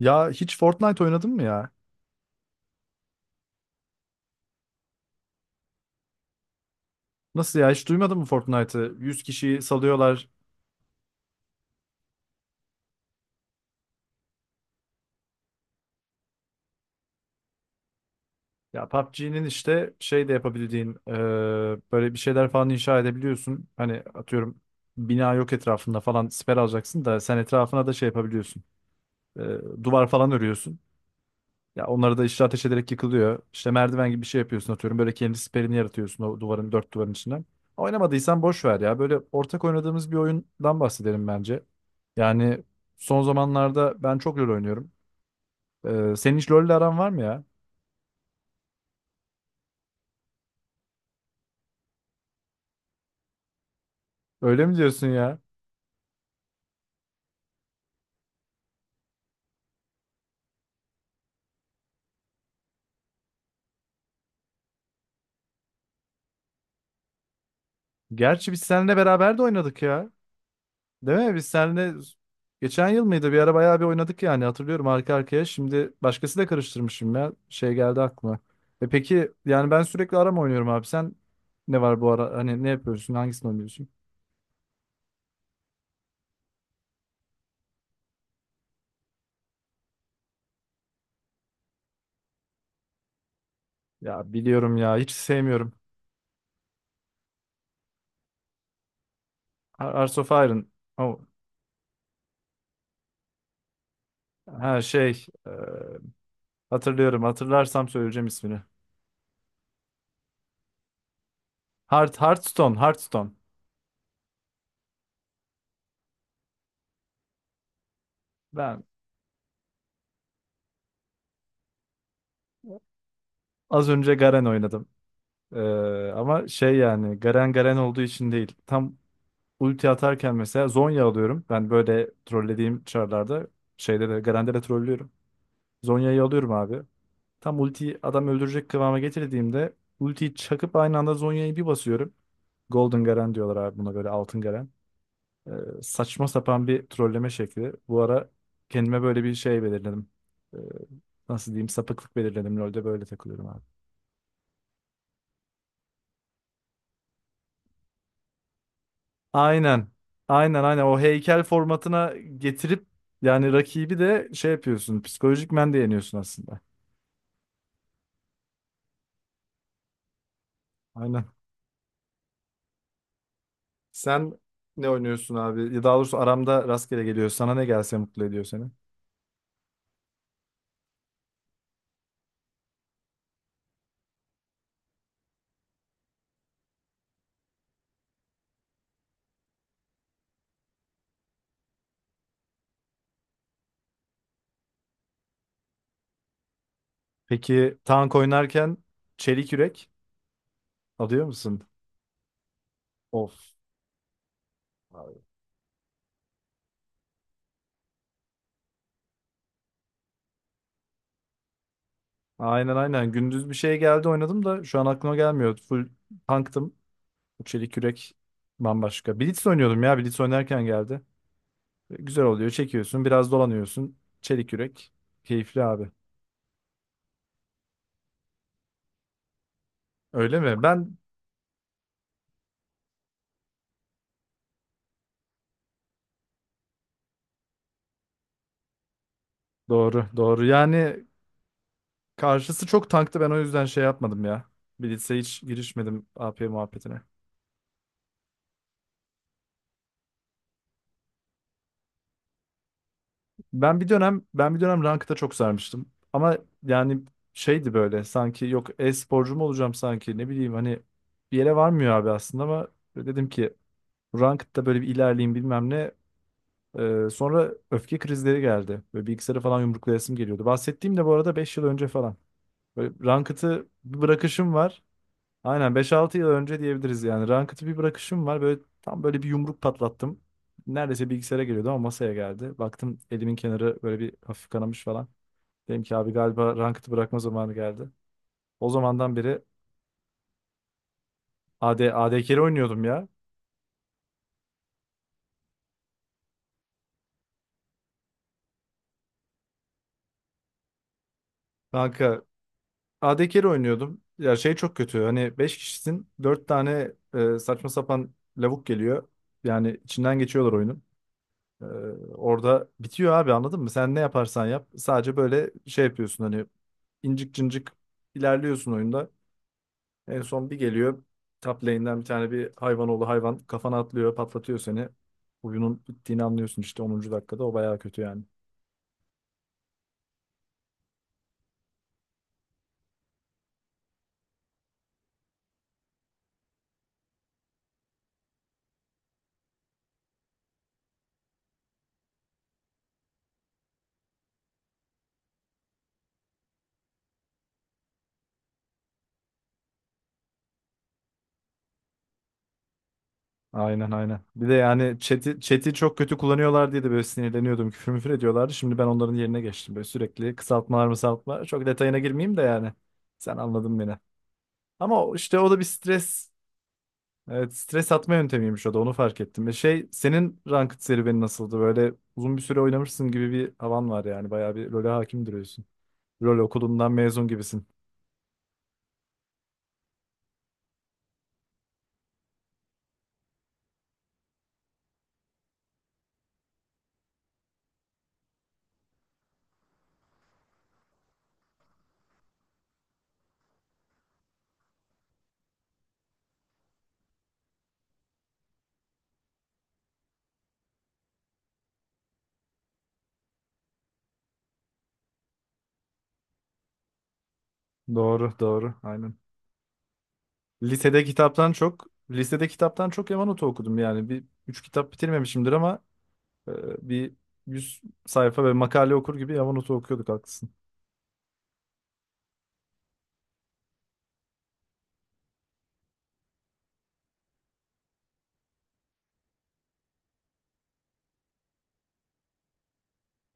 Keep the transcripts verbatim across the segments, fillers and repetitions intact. Ya hiç Fortnite oynadın mı ya? Nasıl ya hiç duymadın mı Fortnite'ı? Yüz kişiyi salıyorlar. Ya P U B G'nin işte şey de yapabildiğin e, böyle bir şeyler falan inşa edebiliyorsun. Hani atıyorum bina yok etrafında falan siper alacaksın da sen etrafına da şey yapabiliyorsun. E, duvar falan örüyorsun. Ya onları da işte ateş ederek yıkılıyor. İşte merdiven gibi bir şey yapıyorsun atıyorum. Böyle kendi siperini yaratıyorsun o duvarın dört duvarın içine. Oynamadıysan boş ver ya. Böyle ortak oynadığımız bir oyundan bahsedelim bence. Yani son zamanlarda ben çok LoL oynuyorum. Ee, senin hiç LoL'le aran var mı ya? Öyle mi diyorsun ya? Gerçi biz seninle beraber de oynadık ya. Değil mi? Biz seninle geçen yıl mıydı? Bir ara bayağı bir oynadık yani hatırlıyorum arka arkaya. Şimdi başkası da karıştırmışım ya. Şey geldi aklıma. E peki yani ben sürekli arama oynuyorum abi. Sen ne var bu ara? Hani ne yapıyorsun? Hangisini oynuyorsun? Ya biliyorum ya. Hiç sevmiyorum. Ar- Hearts of Iron. Oh. Ha şey. e, hatırlıyorum. Hatırlarsam söyleyeceğim ismini. Heart, Hearthstone. Hearthstone. Ben az önce Garen oynadım. E, ama şey yani Garen Garen olduğu için değil. Tam ulti atarken mesela Zhonya alıyorum. Ben böyle trollediğim çarlarda şeyde de Garen'de de trollüyorum. Zhonya'yı alıyorum abi. Tam ultiyi adam öldürecek kıvama getirdiğimde ultiyi çakıp aynı anda Zhonya'yı bir basıyorum. Golden Garen diyorlar abi buna böyle altın Garen. Ee, saçma sapan bir trolleme şekli. Bu ara kendime böyle bir şey belirledim. Ee, nasıl diyeyim sapıklık belirledim. LoL'de böyle takılıyorum abi. Aynen. Aynen aynen o heykel formatına getirip yani rakibi de şey yapıyorsun. Psikolojik men de yeniyorsun aslında. Aynen. Sen ne oynuyorsun abi? Ya daha doğrusu aramda rastgele geliyor. Sana ne gelse mutlu ediyor seni. Peki tank oynarken çelik yürek alıyor musun? Of, abi. Aynen aynen. Gündüz bir şey geldi oynadım da şu an aklıma gelmiyor. Full tanktım. Bu çelik yürek bambaşka. Blitz oynuyordum ya. Blitz oynarken geldi. Güzel oluyor. Çekiyorsun, biraz dolanıyorsun. Çelik yürek. Keyifli abi. Öyle mi? Ben doğru, doğru. Yani karşısı çok tanktı. Ben o yüzden şey yapmadım ya. Blitz'e hiç girişmedim A P muhabbetine. Ben bir dönem ben bir dönem rankta çok sarmıştım. Ama yani şeydi böyle sanki yok e-sporcu mu olacağım sanki ne bileyim hani bir yere varmıyor abi aslında ama dedim ki rankta böyle bir ilerleyeyim bilmem ne. Ee, sonra öfke krizleri geldi. Böyle bilgisayarı falan yumruklayasım geliyordu. Bahsettiğim de bu arada beş yıl önce falan. Böyle Ranked'ı bir bırakışım var. Aynen beş altı yıl önce diyebiliriz yani. Ranked'ı bir bırakışım var. Böyle tam böyle bir yumruk patlattım. Neredeyse bilgisayara geliyordu ama masaya geldi. Baktım elimin kenarı böyle bir hafif kanamış falan. Dedim ki abi galiba Ranked'ı bırakma zamanı geldi. O zamandan beri A D, A D carry oynuyordum ya. Kanka A D carry oynuyordum. Ya şey çok kötü. Hani beş kişisin dört tane e, saçma sapan lavuk geliyor. Yani içinden geçiyorlar oyunun. Ee, orada bitiyor abi anladın mı? Sen ne yaparsan yap. Sadece böyle şey yapıyorsun hani incik cincik ilerliyorsun oyunda. En son bir geliyor. Top lane'den bir tane bir hayvan oğlu hayvan kafana atlıyor patlatıyor seni. Oyunun bittiğini anlıyorsun işte onuncu dakikada o bayağı kötü yani. Aynen aynen. Bir de yani chat'i, chat'i çok kötü kullanıyorlar diye de böyle sinirleniyordum. Küfür müfür ediyorlardı. Şimdi ben onların yerine geçtim. Böyle sürekli kısaltmalar mısaltmalar. Çok detayına girmeyeyim de yani. Sen anladın beni. Ama o- işte o da bir stres. Evet stres atma yöntemiymiş o da onu fark ettim. Ve şey senin ranked serüvenin nasıldı? Böyle uzun bir süre oynamışsın gibi bir havan var yani. Bayağı bir LoL'e hakim duruyorsun. LoL okulundan mezun gibisin. Doğru doğru aynen. Lisede kitaptan çok lisede kitaptan çok Yamanote okudum yani. Bir üç kitap bitirmemişimdir ama e, bir yüz sayfa ve makale okur gibi Yamanote okuyorduk haklısın.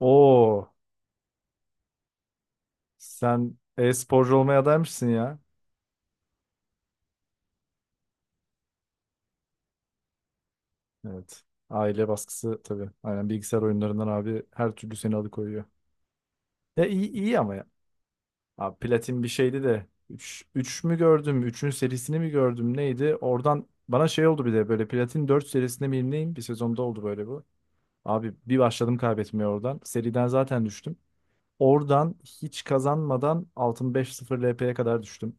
Oo sen e-sporcu olmaya adaymışsın ya. Evet. Aile baskısı tabii. Aynen bilgisayar oyunlarından abi her türlü seni alıkoyuyor. Ya iyi iyi ama ya. Abi Platin bir şeydi de üç üç mü gördüm? Üçün serisini mi gördüm? Neydi? Oradan bana şey oldu bir de böyle Platin dört serisinde miyim neyim? Bir sezonda oldu böyle bu. Abi bir başladım kaybetmeye oradan. Seriden zaten düştüm. Oradan hiç kazanmadan altın beş sıfır L P'ye kadar düştüm.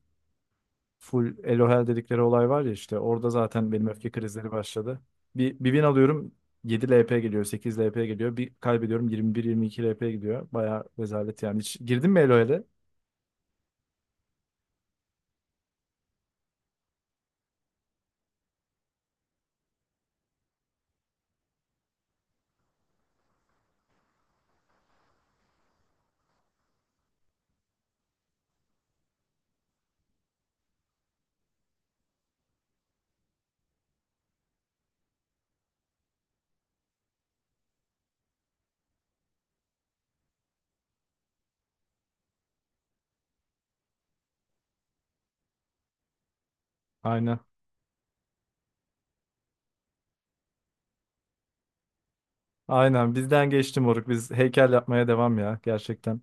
Full Elohel dedikleri olay var ya işte orada zaten benim öfke krizleri başladı. Bir, bir win alıyorum yedi L P geliyor sekiz L P geliyor. Bir kaybediyorum yirmi bir yirmi iki L P gidiyor. Bayağı rezalet yani. Hiç girdin mi Elohel'e? Aynen. Aynen bizden geçti moruk. Biz heykel yapmaya devam ya gerçekten.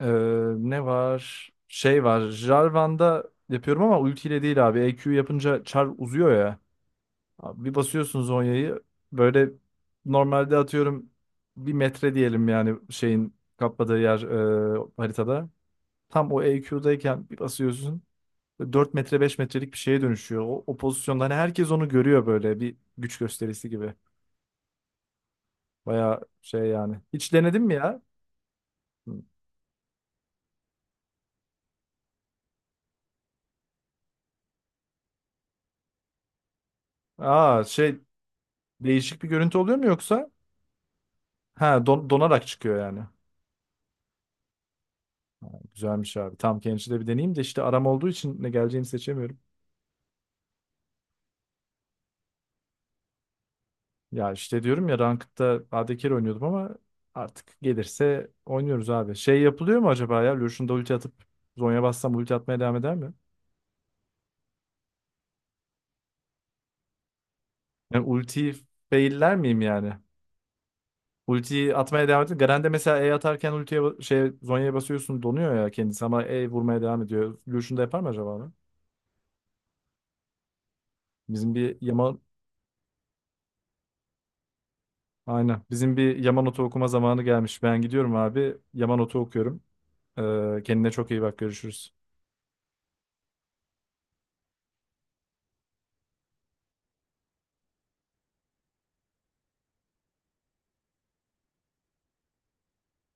Ee, ne var? Şey var. Jarvan'da yapıyorum ama ultiyle değil abi. E Q yapınca char uzuyor ya. Abi bir basıyorsun zonyayı böyle normalde atıyorum bir metre diyelim yani şeyin kapladığı yer e, haritada. Tam o E Q'dayken bir basıyorsun dört metre beş metrelik bir şeye dönüşüyor. O, o pozisyonda hani herkes onu görüyor böyle bir güç gösterisi gibi. Baya şey yani. Hiç denedin mi ya? Hı. Aa şey değişik bir görüntü oluyor mu yoksa? Ha don- donarak çıkıyor yani. Güzelmiş abi. Tam Kenji'de bir deneyeyim de işte aram olduğu için ne geleceğini seçemiyorum. Ya işte diyorum ya Ranked'da A D oynuyordum ama artık gelirse oynuyoruz abi. Şey yapılıyor mu acaba ya? Lucian'da ulti atıp Zonya bassam ulti atmaya devam eder mi? Yani ultiyi failler miyim yani? Ultiyi atmaya devam ediyor. Garen'de mesela E atarken ultiye ba- şey Zhonya'ya basıyorsun donuyor ya kendisi ama E vurmaya devam ediyor. Lucian'da yapar mı acaba onu? Bizim bir Yaman Aynen. Bizim bir Yamanote okuma zamanı gelmiş. Ben gidiyorum abi. Yamanote okuyorum. Ee, kendine çok iyi bak görüşürüz.